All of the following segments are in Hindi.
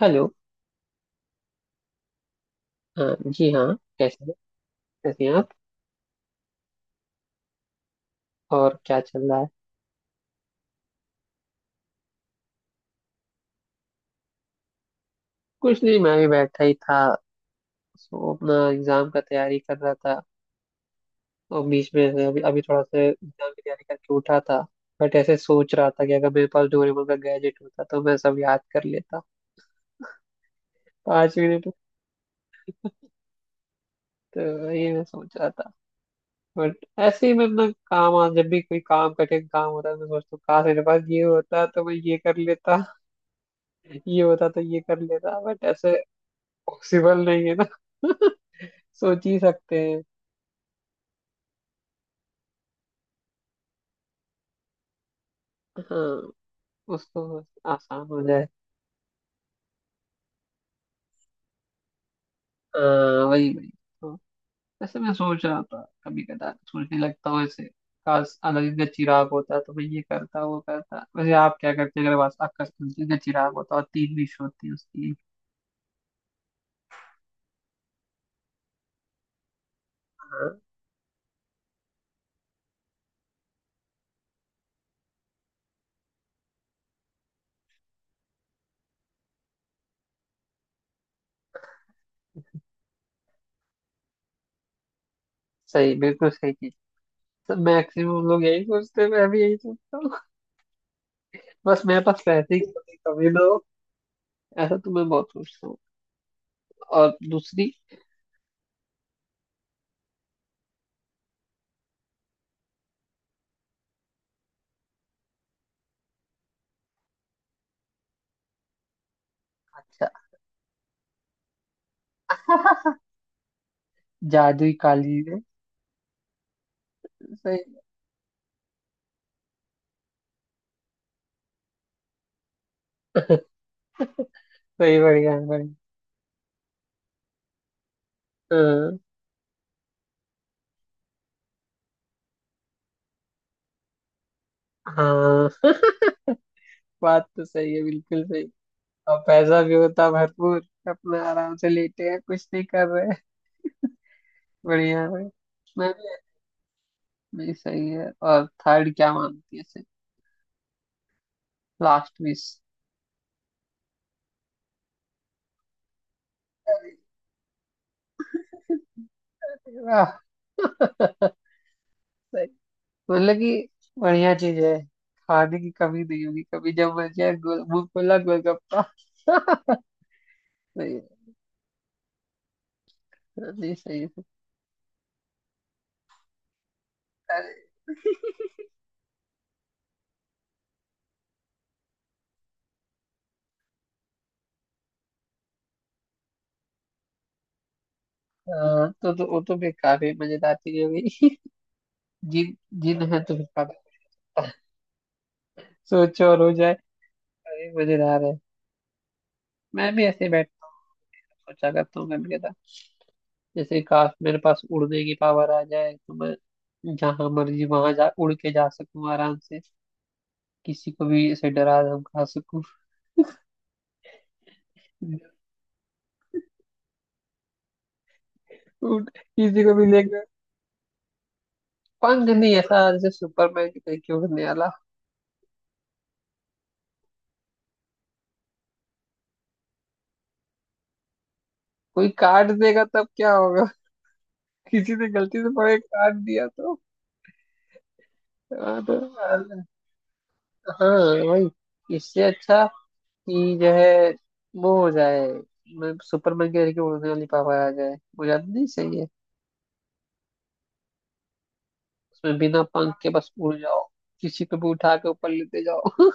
हेलो। हाँ जी हाँ। कैसे हैं कैसे हैं आप? और क्या चल रहा है? कुछ नहीं, मैं भी बैठा ही था। सो अपना एग्जाम का तैयारी कर रहा था और बीच में से अभी अभी थोड़ा सा एग्जाम की तैयारी करके उठा था। बट ऐसे सोच रहा था कि अगर मेरे पास डोरेमोन का गैजेट होता तो मैं सब याद कर लेता 5 मिनट में, तो तो ये मैं सोच रहा था। बट ऐसे ही मैं अपना काम आज जब भी कोई काम कठिन काम होता है मैं सोचता हूँ काश मेरे पास ये होता तो मैं ये कर लेता। ये होता तो ये कर लेता बट ऐसे पॉसिबल नहीं है ना। सोच ही सकते हैं। हाँ, उसको आसान हो जाए। हाँ वही वही। तो वैसे मैं सोच रहा था, कभी कदा सोचने लगता हूँ ऐसे। काश अलादीन का चिराग होता तो मैं ये करता वो करता। वैसे आप क्या करते अगर बस आपका अलादीन का चिराग होता और 3 विश होती उसकी? हाँ। सही, बिल्कुल सही चीज। तो मैक्सिमम लोग यही सोचते हैं, मैं भी यही सोचता हूँ। बस मेरे पास पैसे ही कमी कमी ना हो। ऐसा तो मैं बहुत सोचता हूँ। और दूसरी। अच्छा, जादुई कालीन है। सही, बढ़िया है भाई। अ, हाँ। बात तो सही है, बिल्कुल सही। और पैसा भी होता भरपूर, अपना आराम से लेटे हैं, कुछ नहीं कर रहे हैं। बढ़िया है भाई। मैं भी। नहीं सही है। और थर्ड क्या मानती है इसे, लास्ट मिस? वाह। सही। मतलब कि बढ़िया चीज है। खाने की कमी नहीं होगी कभी, जब बन जाए गोल मुंह खुला गोलगप्पा। सही है। नहीं सही है। अरे। हाँ तो वो तो बेकार है, मजेदार चीज हो गई। जिन, जिन है तो फिर पागल। सोचो और हो जाए। अरे, मजेदार है। मैं भी ऐसे बैठता हूँ, सोचा करता हूँ कभी कदा। जैसे काश मेरे पास उड़ने की पावर आ जाए तो मैं जहां मर्जी वहां जा, उड़ के जा सकूं आराम से, किसी को भी ऐसे डरा धमका सकूं। उड़- किसी को भी लेकर। पंख नहीं, ऐसा जैसे सुपरमैन की तरीके उड़ने वाला। कोई काट देगा तब क्या होगा? किसी ने गलती से पकड़ के काट दिया तो? हाँ तो हाँ। हाँ, वही इससे अच्छा कि जो है वो हो जाए। मैं सुपरमैन के जरिए उड़ने वाली पावर आ जाए वो ज्यादा नहीं सही है। उसमें बिना पंख के बस उड़ जाओ, किसी को भी उठा के ऊपर लेते जाओ।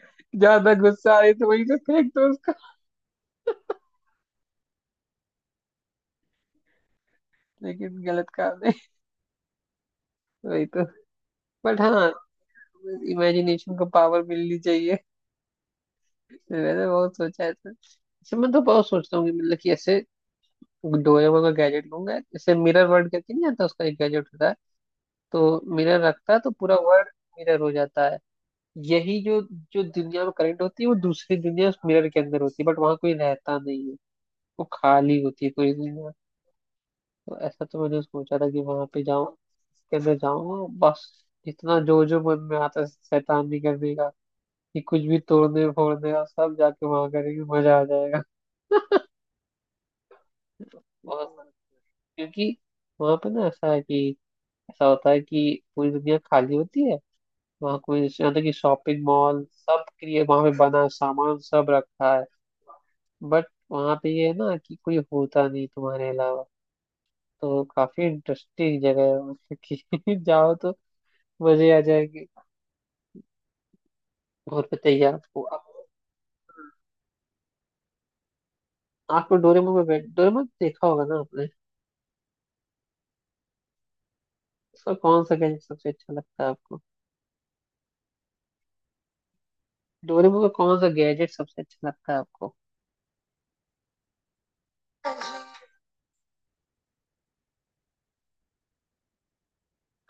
ज्यादा गुस्सा आए तो वहीं से फेंक दो उसको। लेकिन गलत काम है। वही तो। बट हाँ, इमेजिनेशन को पावर मिलनी चाहिए। मैंने बहुत सोचा है तो। अच्छा, मैं तो बहुत सोचता हूँ कि मतलब कि ऐसे डोरेमोन का गैजेट लूंगा। जैसे मिरर वर्ल्ड करके नहीं आता, उसका एक गैजेट होता है, तो मिरर रखता है तो पूरा वर्ल्ड मिरर हो जाता है। यही जो जो दुनिया में करंट होती है वो दूसरी दुनिया उस मिरर के अंदर होती है, बट वहां कोई रहता नहीं है, वो खाली होती है पूरी दुनिया। तो ऐसा तो मैंने सोचा था कि वहां पे जाऊं, के अंदर जाऊंगा बस। जितना जो जो मन में आता है शैतानी करने का, कि कुछ भी तोड़ने फोड़ने का, सब जाके वहां करेंगे, मजा आ जाएगा। और क्योंकि वहां पे ना ऐसा है कि ऐसा होता है कि पूरी दुनिया खाली होती है। वहाँ कोई, यहाँ तक कि शॉपिंग मॉल सब के लिए वहाँ पे बना है, सामान सब रखा है, बट वहाँ पे ये है ना कि कोई होता नहीं तुम्हारे अलावा। तो काफी इंटरेस्टिंग जगह है, मतलब कि जाओ तो मजे आ जाएंगे। और बताइए आपको डोरेमोन में बैठ डोरेमोन देखा होगा ना आपने? उसका कौन सा गैजेट सबसे अच्छा लगता है आपको? डोरेमोन का कौन सा गैजेट सबसे अच्छा लगता है आपको? हाँ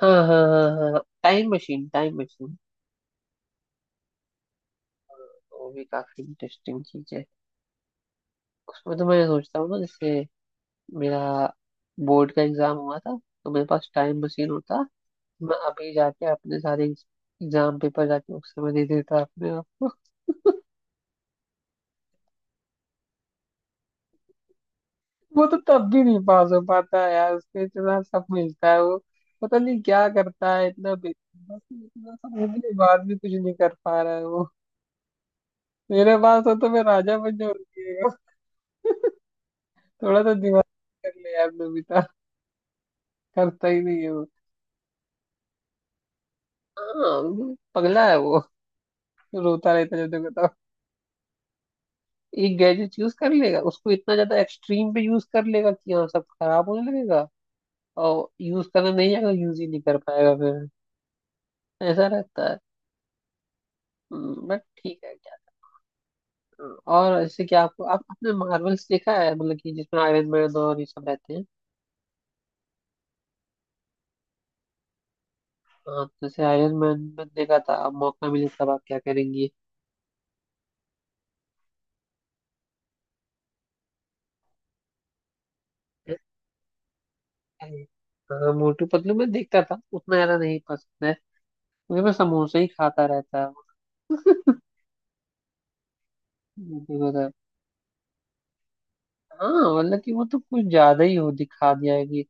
हाँ हाँ हाँ, टाइम मशीन टाइम मशीन। वो भी काफी इंटरेस्टिंग चीज है। उसमें तो मैं सोचता हूँ ना, जैसे मेरा बोर्ड का एग्जाम हुआ था तो मेरे पास टाइम मशीन होता, मैं अभी जाके अपने सारे एग्जाम पेपर जाके उस समय दे देता अपने आप को। वो तो तब भी नहीं पास हो पाता है यार। उसको इतना सब मिलता है वो, पता नहीं क्या करता है इतना। बस इतना सब होने के बाद भी कुछ नहीं कर पा रहा है वो। मेरे पास हो तो मैं राजा बन जाऊंगा। थोड़ा तो दिमाग कर ले यार नमिता, करता ही नहीं है वो। हाँ पगला है वो, रोता रहता है जब देखो तब। एक गैजेट यूज कर लेगा, उसको इतना ज्यादा एक्सट्रीम पे यूज कर लेगा कि हाँ सब खराब होने लगेगा, और यूज करना नहीं आएगा, यूज ही नहीं कर पाएगा फिर, ऐसा रहता है। बट ठीक है क्या। और इससे क्या, आपको आप आपने मार्वल्स देखा है? मतलब कि जिसमें आयरन मैन और ये सब रहते हैं। हाँ तो जैसे आयरन मैन में देखा था, अब मौका मिले तब आप क्या करेंगी? हाँ, मोटू पतलू में देखता था, उतना ज्यादा नहीं पसंद है क्योंकि मैं समोसे ही खाता रहता हूँ। हाँ मतलब कि वो तो कुछ ज्यादा ही हो दिखा दिया है कि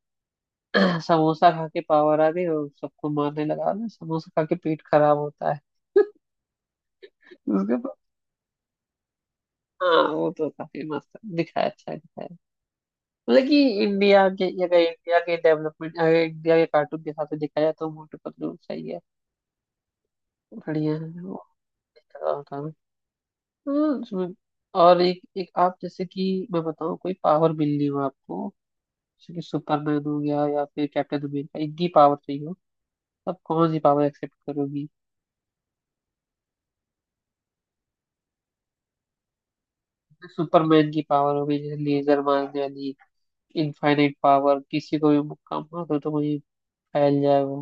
समोसा खा के पावर आ गई और सबको मारने लगा ना। समोसा खा के पेट खराब होता है उसके बाद- हाँ वो तो काफी मस्त दिखाया, अच्छा दिखाया। मतलब कि इंडिया के, अगर इंडिया के डेवलपमेंट, अगर इंडिया के कार्टून के हिसाब से देखा जाए तो मोटू पतलू सही है, बढ़िया है वो। देखा होता है। हाँ, उसमें- और एक एक आप, जैसे कि मैं बताऊँ कोई पावर मिल रही हो आपको, जैसे कि सुपरमैन हो गया या फिर कैप्टन अमेरिका, इनकी पावर चाहिए। अब कौन सी पावर एक्सेप्ट करोगी? सुपरमैन की पावर होगी जैसे लेजर मारने वाली, इनफाइनाइट पावर, किसी को भी मुक्का मारो तो वही फैल जाए वो,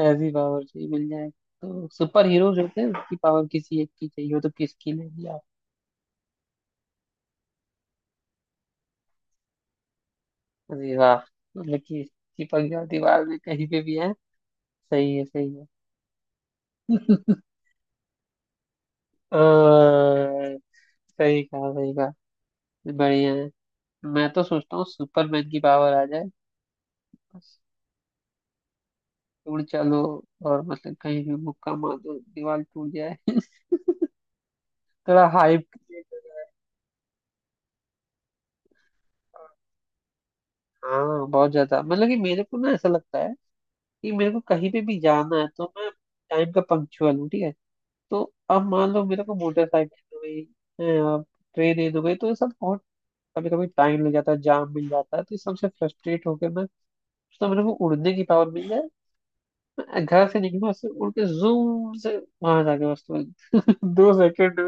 ऐसी पावर चाहिए मिल जाए तो। सुपर हीरोज होते हैं उसकी पावर किसी एक की चाहिए हो तो किसकी लेंगी आप? अरे वाह। मतलब कि चिपक जाओ दीवार में कहीं पे भी है। सही है सही है। अ, सही कहा सही कहा, बढ़िया है। मैं तो सोचता हूँ सुपरमैन की पावर आ जाए बस, उड़ चलो। और मतलब कहीं भी मुक्का मार दो दीवार टूट जाए। थोड़ा हाइप। हाँ बहुत ज्यादा, मतलब कि मेरे को ना ऐसा लगता है कि मेरे को कहीं पे भी जाना है तो मैं टाइम का पंक्चुअल हूँ, ठीक है, तो अब मान लो मेरे को मोटरसाइकिल हो गई, ट्रेन हो गई तो ये सब बहुत कभी कभी टाइम लग जाता है, जाम मिल जाता है तो इस सबसे फ्रस्ट्रेट होकर मैं, तो मेरे को उड़ने की पावर मिल जाए, मैं घर से निकलूँ, उससे उड़ के जूम से वहां जाके बस तुरंत। 2 सेकंड।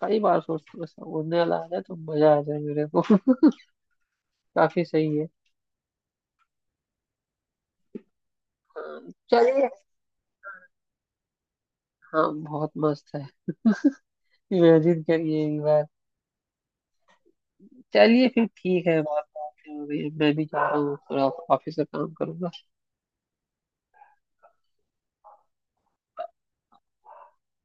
कई बार सोच बस उड़ने वाला आ जाए तो मजा आ जाए मेरे को। काफी सही है। हाँ, चलिए। हाँ बहुत मस्त है, इमेजिन करिए एक बार। चलिए फिर, ठीक है, बात बात हो गई है। मैं भी जा रहा हूँ थोड़ा, ऑफिस का काम करूंगा।